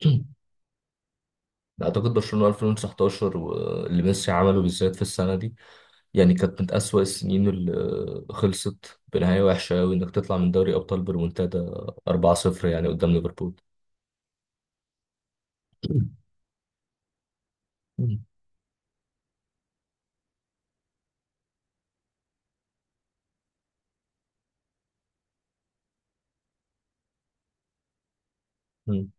اعتقد برشلونه 2019، واللي ميسي عمله بالذات في السنه دي، يعني كانت من اسوأ السنين اللي خلصت بنهايه وحشه قوي، انك تطلع من دوري ابطال بريمونتادا 4-0 يعني قدام ليفربول. مم. مم.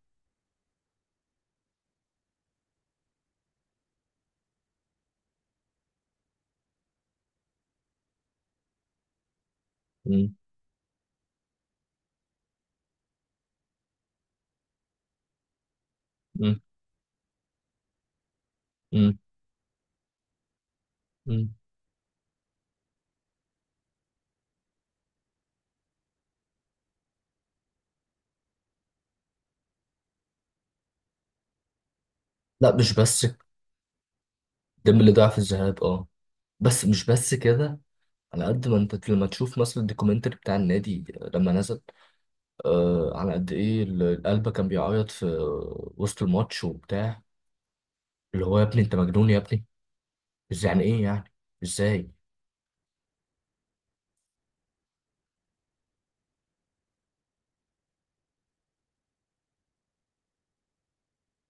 مم. مم. مم. مم. لا، مش بس. ديمبلي ضاع في الذهاب، اه. بس مش بس كده، على قد ما انت لما تشوف مثلا الدوكيومنتري بتاع النادي لما نزل، آه على قد ايه القلب كان بيعيط في وسط الماتش وبتاع. اللي هو يا ابني انت مجنون يا ابني. بس يعني ايه؟ يعني ازاي؟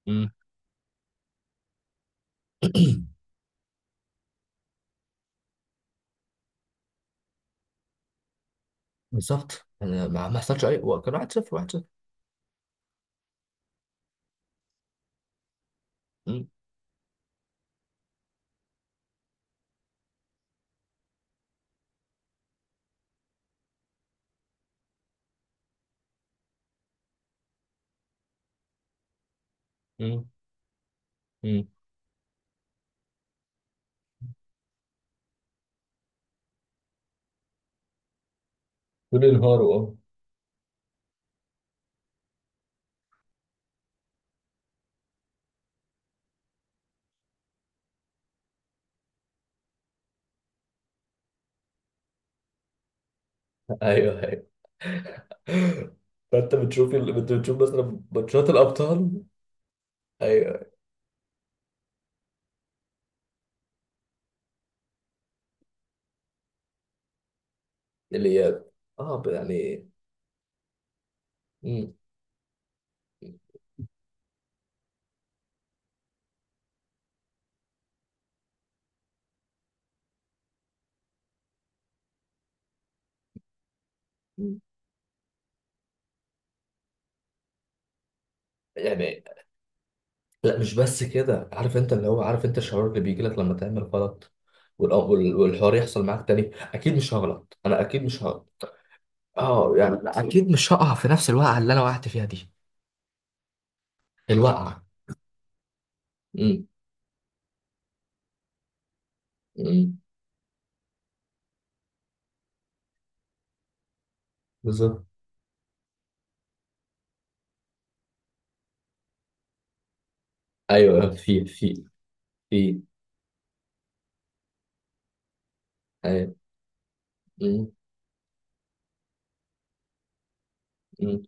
مم. بالظبط. أنا ما حصلش اي، هو كان 1 0 1 0. مم. مم. مم. دول انهاروا. اه، ايوه، ايوه. انت بتشوف مثلا ماتشات الابطال. ايوه. الاياب. اه، يعني. مم. مم. يعني. لا، مش بس كده. عارف انت اللي هو عارف انت الشعور اللي بيجي لك لما تعمل غلط، والحوار يحصل معاك تاني، اكيد مش هغلط، انا اكيد مش هغلط. اه، يعني اكيد مش هقع في نفس الوقعه اللي انا وقعت فيها دي. الوقعة. مم. مم. بالظبط. ايوه، في ايوه. مم. مم.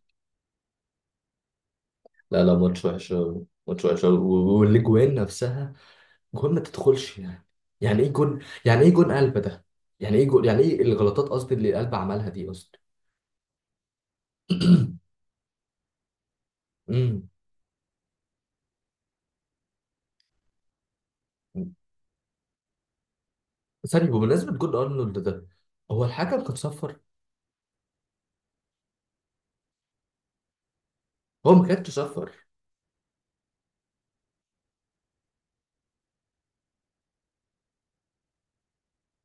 لا، لا، ماتش وحش أوي. ماتش وحش أوي. والاجوان نفسها. جون ما تدخلش يعني. يعني ايه جون؟ يعني ايه جون قلب ده؟ يعني ايه جون يعني ايه الغلطات قصدي اللي قلب عملها دي قصدي. مم. ثانية، بمناسبة جون ارنولد ده، هو الحكم كان صفر؟ هو ما كانش صفر.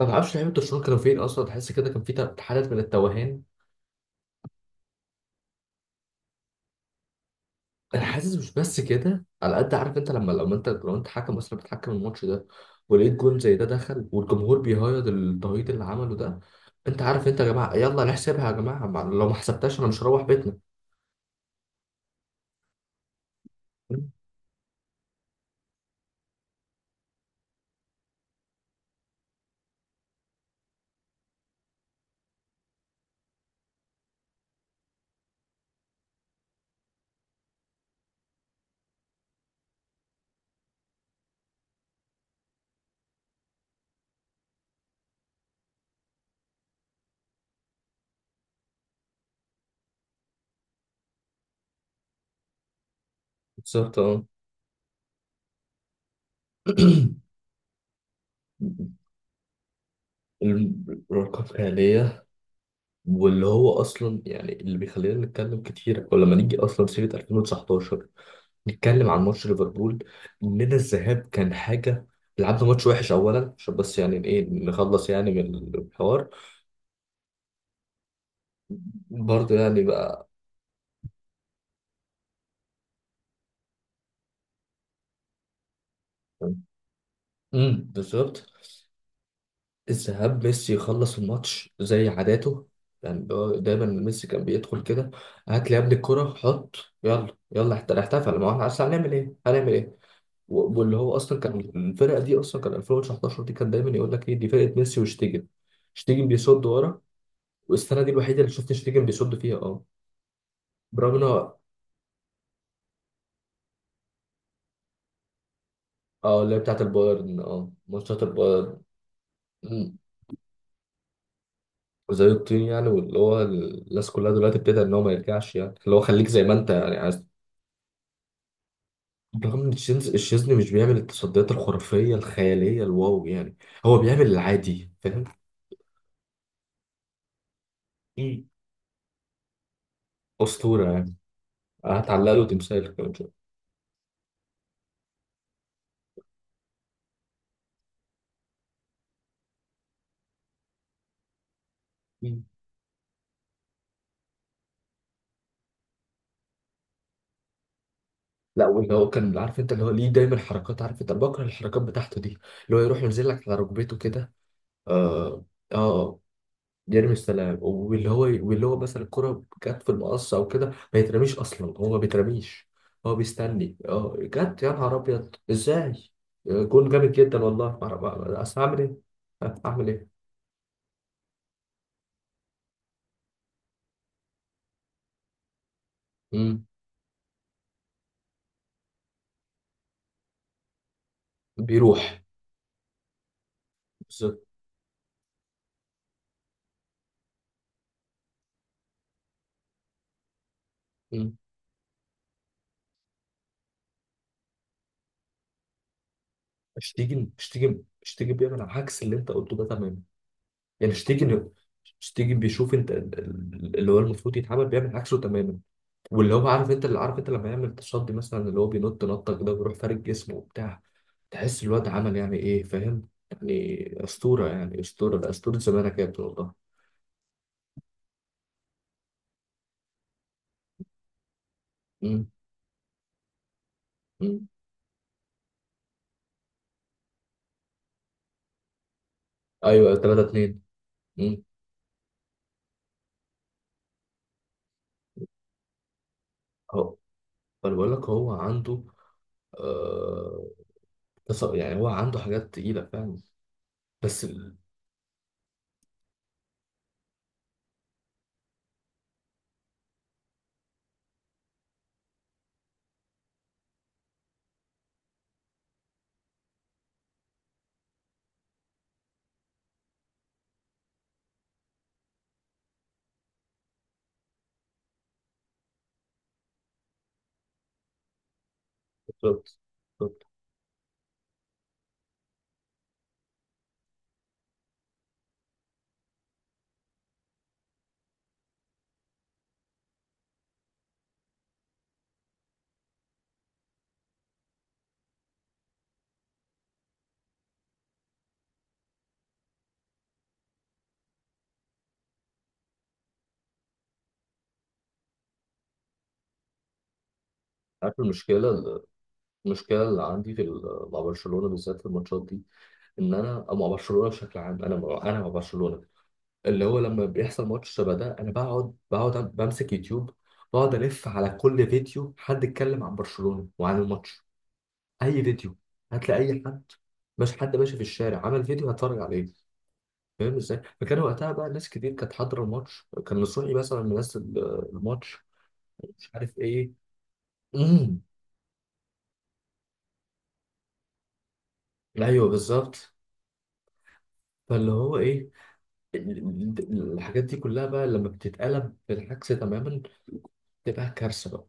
ما تعرفش لعيبة برشلونة كانوا فين اصلا، تحس كده كان في حالة من التوهان. انا حاسس مش بس كده، على قد عارف انت، لما انت لو انت حكم مثلا بتحكم الماتش ده، ولقيت جون زي ده دخل والجمهور بيهيض التهيط اللي عمله ده، انت عارف انت، يا جماعه يلا نحسبها، يا جماعه لو ما حسبتهاش انا مش هروح بيتنا. بالظبط، اه. الأرقام خيالية. واللي هو أصلا يعني اللي بيخلينا نتكلم كتير، ولما نيجي أصلا سيرة 2019 نتكلم عن ماتش ليفربول، اننا الذهاب كان حاجه. لعبنا ماتش وحش اولا، عشان بس يعني ايه نخلص يعني من الحوار. برضه يعني بقى. بالظبط. الذهاب ميسي يخلص الماتش زي عاداته. يعني هو دايما، ميسي كان بيدخل كده، هات لي يا ابني الكرة حط. يلا يلا احتفل، ما هو احنا أصل هنعمل ايه هنعمل ايه. واللي هو اصلا كان الفرقه دي اصلا، كان 2019 دي كان دايما يقول لك ايه، دي فرقه ميسي وشتيجن. شتيجن بيصد ورا. والسنه دي الوحيده اللي شفت شريجن بيصد فيها، اه. برغم ان هو اه اللي هي بتاعت البايرن، ماتشات البايرن. مم. زي الطين يعني، واللي هو الناس كلها دلوقتي ابتدى ان هو ما يرجعش، يعني اللي هو خليك زي ما انت يعني عايز. برغم ان الشيزني مش بيعمل التصديات الخرافيه الخياليه الواو يعني، هو بيعمل العادي فاهم. مم. اسطوره يعني. هتعلق له تمثال كمان شوية. مم. لا، واللي هو كان عارف انت، اللي هو ليه دايما حركات، عارف انت أنا بكره الحركات بتاعته دي، اللي هو يروح ينزل لك على ركبته كده. اه. اه. يرمي السلام، واللي هو مثلا الكرة جت في المقص او كده، ما يترميش اصلا هو ما بيترميش. هو بيستني، اه جت، يا نهار ابيض ازاي. آه، جون جامد جدا والله، ما أعرف- ما- اصل هعمل ايه. ها، هعمل ايه. مم. بيروح. بالظبط. مم. شتيجن بيعمل عكس اللي انت قلته ده تماما. يعني شتيجن بيشوف انت اللي هو المفروض يتعمل بيعمل عكسه تماما. واللي هو عارف انت اللي عارف انت لما يعمل تصدي مثلا، اللي هو بينط نطه كده ويروح فارد جسمه وبتاع، تحس الواد عمل يعني ايه فاهم يعني. اسطوره يعني، اسطوره ده، اسطوره زمانك كانت والله. مم. مم. ايوه، 3 2. مم. اهو. فانا بقول لك هو عنده، آه... يعني هو عنده حاجات تقيله فاهم. بس، بالظبط. بالظبط. عارف المشكله؟ المشكله اللي عندي في مع برشلونه بالذات في الماتشات دي، ان انا، أو مع برشلونه بشكل عام، انا انا مع برشلونه. اللي هو لما بيحصل ماتش شبه ده، انا بقعد بمسك يوتيوب، بقعد الف على كل فيديو حد اتكلم عن برشلونة وعن الماتش. اي فيديو، هتلاقي اي حد، مش حد ماشي في الشارع عمل فيديو هتفرج عليه. فاهم ازاي؟ فكان وقتها بقى ناس كتير كانت حاضره الماتش، كان نصوحي مثلا منزل الماتش، مش عارف ايه. امم ايوه، بالظبط. فاللي هو ايه، الحاجات دي كلها بقى لما بتتقلب بالعكس تماما، تبقى كارثه بقى.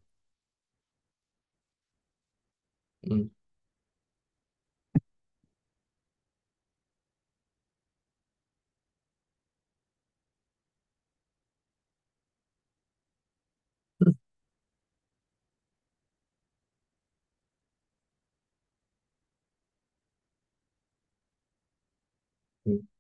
مم.